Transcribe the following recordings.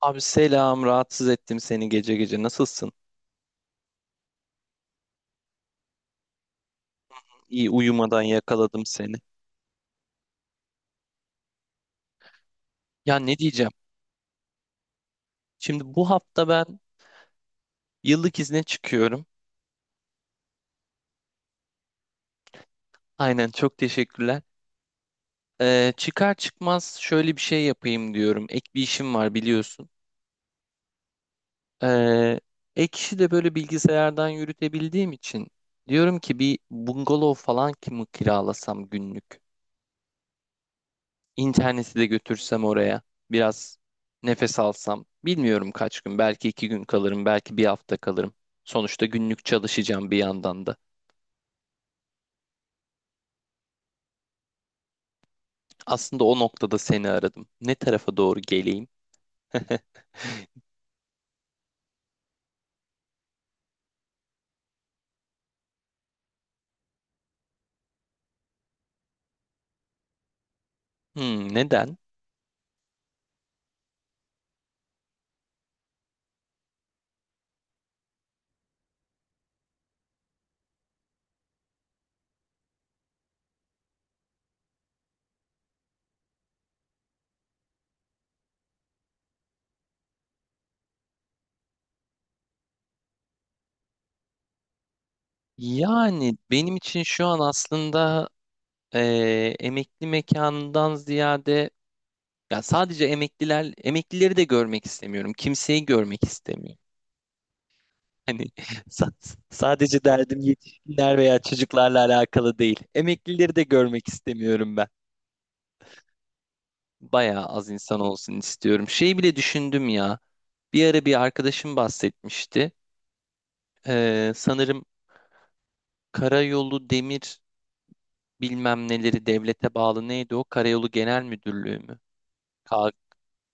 Abi selam, rahatsız ettim seni gece gece. Nasılsın? İyi uyumadan yakaladım seni. Ya ne diyeceğim? Şimdi bu hafta ben yıllık izne çıkıyorum. Aynen çok teşekkürler. Çıkar çıkmaz şöyle bir şey yapayım diyorum. Ek bir işim var biliyorsun. Ee, ek işi de böyle bilgisayardan yürütebildiğim için diyorum ki bir bungalov falan ki mi kiralasam günlük? İnterneti de götürsem oraya biraz nefes alsam. Bilmiyorum kaç gün belki 2 gün kalırım belki bir hafta kalırım. Sonuçta günlük çalışacağım bir yandan da. Aslında o noktada seni aradım. Ne tarafa doğru geleyim? Hmm, neden? Yani benim için şu an aslında emekli mekanından ziyade ya sadece emekliler emeklileri de görmek istemiyorum. Kimseyi görmek istemiyorum. Hani sa- sadece derdim yetişkinler veya çocuklarla alakalı değil. Emeklileri de görmek istemiyorum ben. Bayağı az insan olsun istiyorum. Şey bile düşündüm ya. Bir ara bir arkadaşım bahsetmişti. Sanırım karayolu demir bilmem neleri devlete bağlı neydi o? Karayolu Genel Müdürlüğü mü?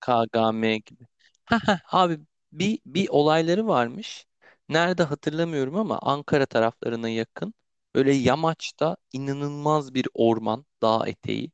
KGM gibi. Ha ha abi bir bir olayları varmış. Nerede hatırlamıyorum ama Ankara taraflarına yakın. Böyle yamaçta inanılmaz bir orman, dağ eteği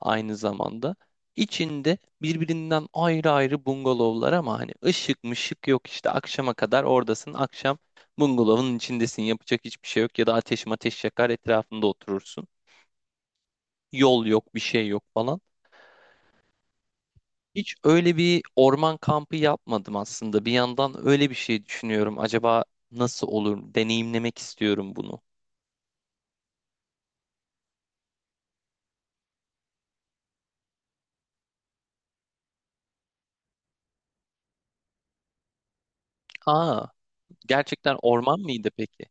aynı zamanda. İçinde birbirinden ayrı ayrı bungalovlar ama hani ışık mışık yok işte akşama kadar oradasın. Akşam bungalovun içindesin yapacak hiçbir şey yok ya da ateş mateş yakar etrafında oturursun. Yol yok bir şey yok falan. Hiç öyle bir orman kampı yapmadım aslında. Bir yandan öyle bir şey düşünüyorum. Acaba nasıl olur? Deneyimlemek istiyorum bunu. Aa, gerçekten orman mıydı peki?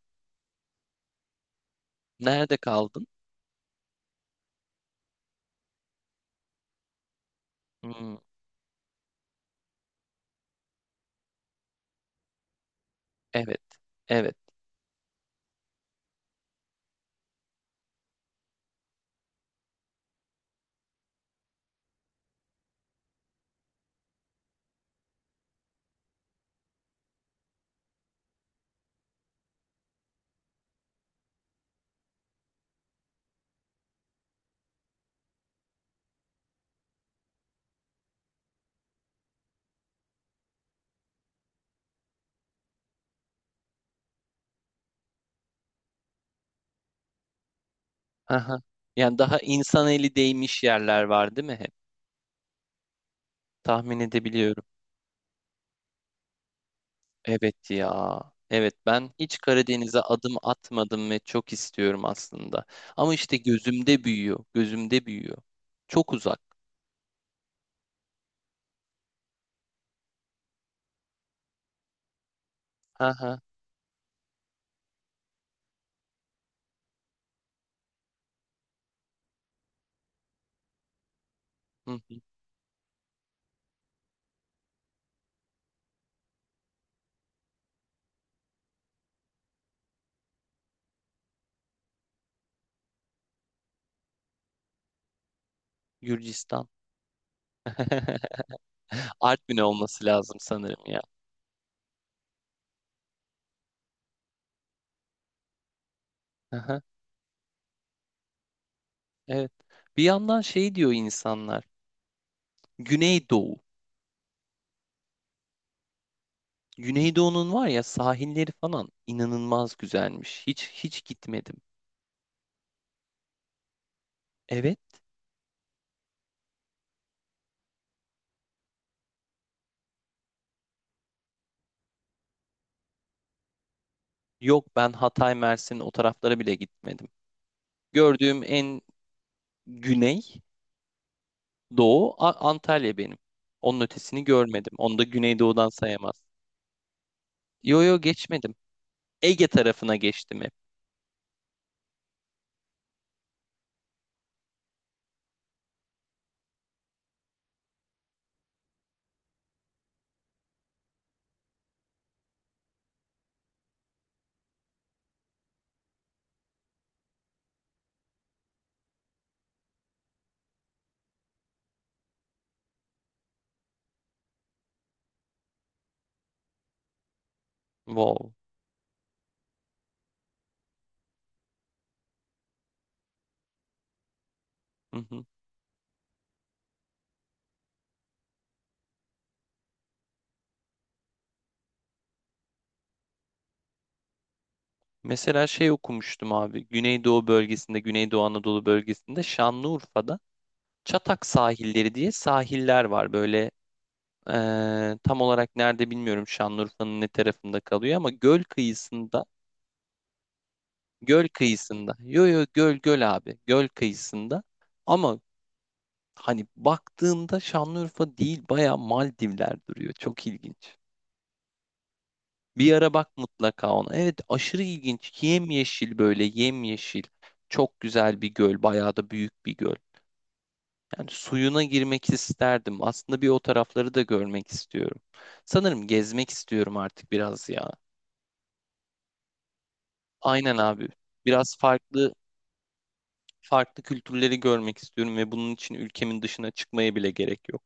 Nerede kaldın? Hmm, evet, evet. Aha. Yani daha insan eli değmiş yerler var, değil mi hep? Tahmin edebiliyorum. Evet ya. Evet, ben hiç Karadeniz'e adım atmadım ve çok istiyorum aslında. Ama işte gözümde büyüyor, gözümde büyüyor. Çok uzak. Aha. Hı hı. Gürcistan. Artvin'e olması lazım sanırım ya. Aha, evet. Bir yandan şey diyor insanlar. Güneydoğu. Güneydoğu'nun var ya sahilleri falan inanılmaz güzelmiş. Hiç hiç gitmedim. Evet. Yok ben Hatay, Mersin o taraflara bile gitmedim. Gördüğüm en güney doğu Antalya benim. Onun ötesini görmedim. Onu da Güneydoğu'dan sayamaz. Yo yo geçmedim. Ege tarafına geçtim hep. Wow. Mesela şey okumuştum abi. Güneydoğu bölgesinde, Güneydoğu Anadolu bölgesinde Şanlıurfa'da Çatak sahilleri diye sahiller var. Böyle tam olarak nerede bilmiyorum Şanlıurfa'nın ne tarafında kalıyor ama göl kıyısında, göl kıyısında. Yo yo göl göl abi. Göl kıyısında. Ama hani baktığında Şanlıurfa değil baya Maldivler duruyor. Çok ilginç. Bir ara bak mutlaka ona. Evet aşırı ilginç. Yemyeşil böyle yemyeşil. Çok güzel bir göl. Bayağı da büyük bir göl. Yani suyuna girmek isterdim. Aslında bir o tarafları da görmek istiyorum. Sanırım gezmek istiyorum artık biraz ya. Aynen abi. Biraz farklı farklı kültürleri görmek istiyorum ve bunun için ülkemin dışına çıkmaya bile gerek yok.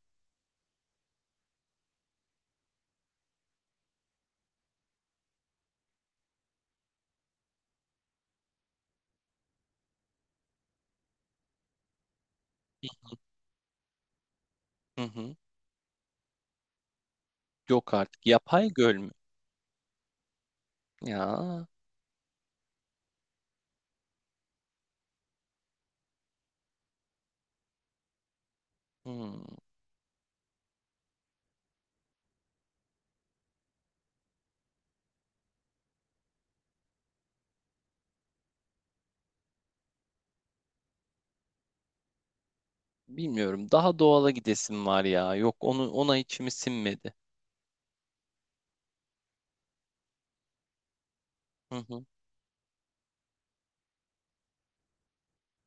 Hı hı. Yok artık. Yapay göl mü? Ya. hmm, Bilmiyorum. Daha doğala gidesim var ya. Yok onu ona içimi sinmedi. Hı hı.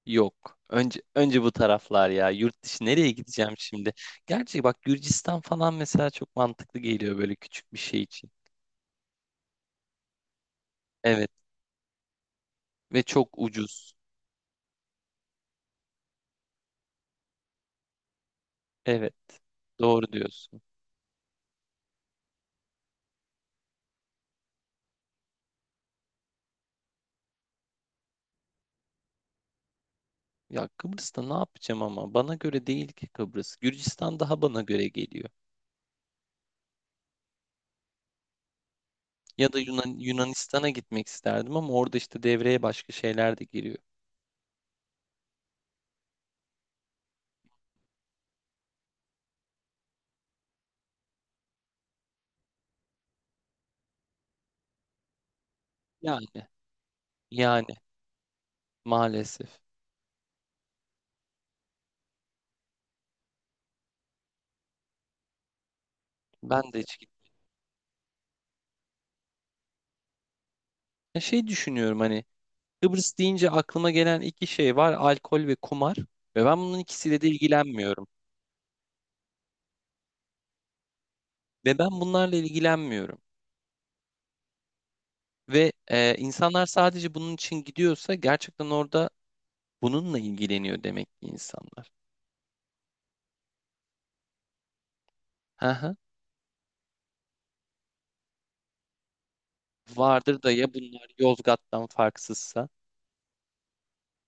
Yok. Önce bu taraflar ya. Yurt dışı nereye gideceğim şimdi? Gerçi bak Gürcistan falan mesela çok mantıklı geliyor böyle küçük bir şey için. Evet ve çok ucuz. Evet. Doğru diyorsun. Ya Kıbrıs'ta ne yapacağım ama bana göre değil ki Kıbrıs. Gürcistan daha bana göre geliyor. Ya da Yunanistan'a gitmek isterdim ama orada işte devreye başka şeyler de giriyor. Yani yani maalesef. Ben de hiç gitmedim. Şey düşünüyorum hani Kıbrıs deyince aklıma gelen iki şey var. Alkol ve kumar. Ve ben bunun ikisiyle de ilgilenmiyorum. Ve ben bunlarla ilgilenmiyorum. Ve insanlar sadece bunun için gidiyorsa gerçekten orada bununla ilgileniyor demek ki insanlar. Hı hı. Vardır da ya bunlar Yozgat'tan farksızsa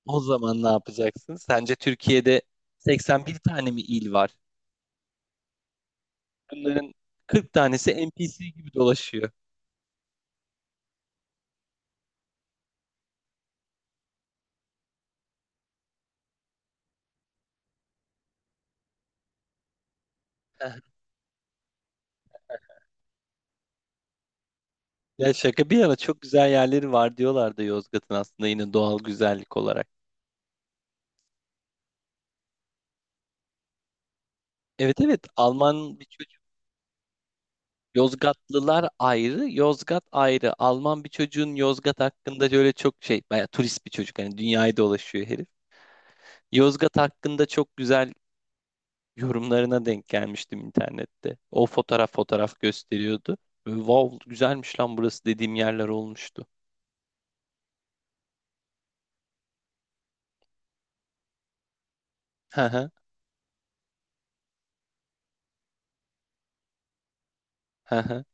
o zaman ne yapacaksın? Sence Türkiye'de 81 tane mi il var? Bunların 40 tanesi NPC gibi dolaşıyor. Ya şaka bir yana çok güzel yerleri var diyorlardı Yozgat'ın aslında yine doğal güzellik olarak. Evet evet Alman bir çocuk. Yozgatlılar ayrı, Yozgat ayrı. Alman bir çocuğun Yozgat hakkında şöyle çok şey, bayağı turist bir çocuk hani dünyayı dolaşıyor herif. Yozgat hakkında çok güzel yorumlarına denk gelmiştim internette. O fotoğraf fotoğraf gösteriyordu. Böyle, wow güzelmiş lan burası dediğim yerler olmuştu. Hı hı, hı hı.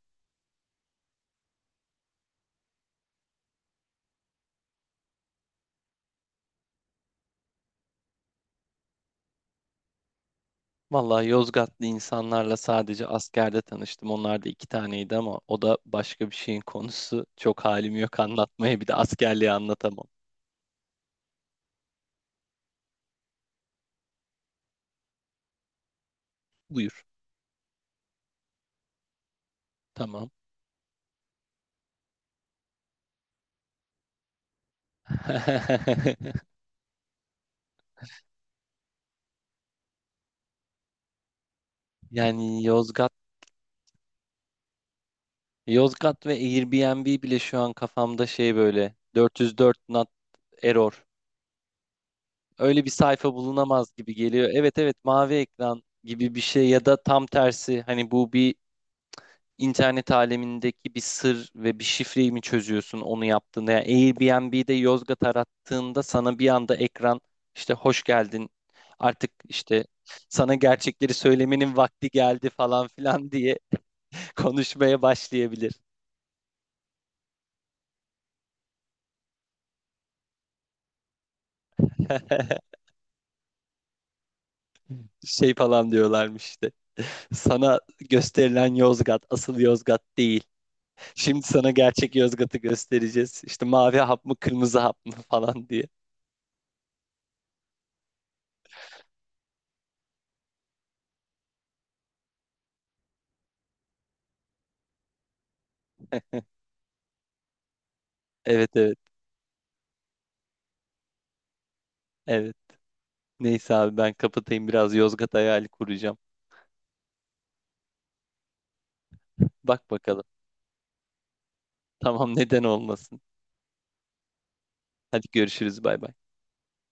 Vallahi Yozgatlı insanlarla sadece askerde tanıştım. Onlar da iki taneydi ama o da başka bir şeyin konusu. Çok halim yok anlatmaya. Bir de askerliği anlatamam. Buyur. Tamam. Yani Yozgat, Yozgat ve Airbnb bile şu an kafamda şey böyle 404 not error. Öyle bir sayfa bulunamaz gibi geliyor. Evet evet mavi ekran gibi bir şey ya da tam tersi. Hani bu bir internet alemindeki bir sır ve bir şifreyi mi çözüyorsun onu yaptığında? Yani Airbnb'de Yozgat arattığında sana bir anda ekran işte hoş geldin artık işte sana gerçekleri söylemenin vakti geldi falan filan diye konuşmaya başlayabilir. Şey falan diyorlarmış işte. Sana gösterilen Yozgat asıl Yozgat değil. Şimdi sana gerçek Yozgat'ı göstereceğiz. İşte mavi hap mı kırmızı hap mı falan diye. Evet evet evet. Neyse abi ben kapatayım biraz Yozgat hayali kuracağım. Bak bakalım. Tamam neden olmasın. Hadi görüşürüz bay bay.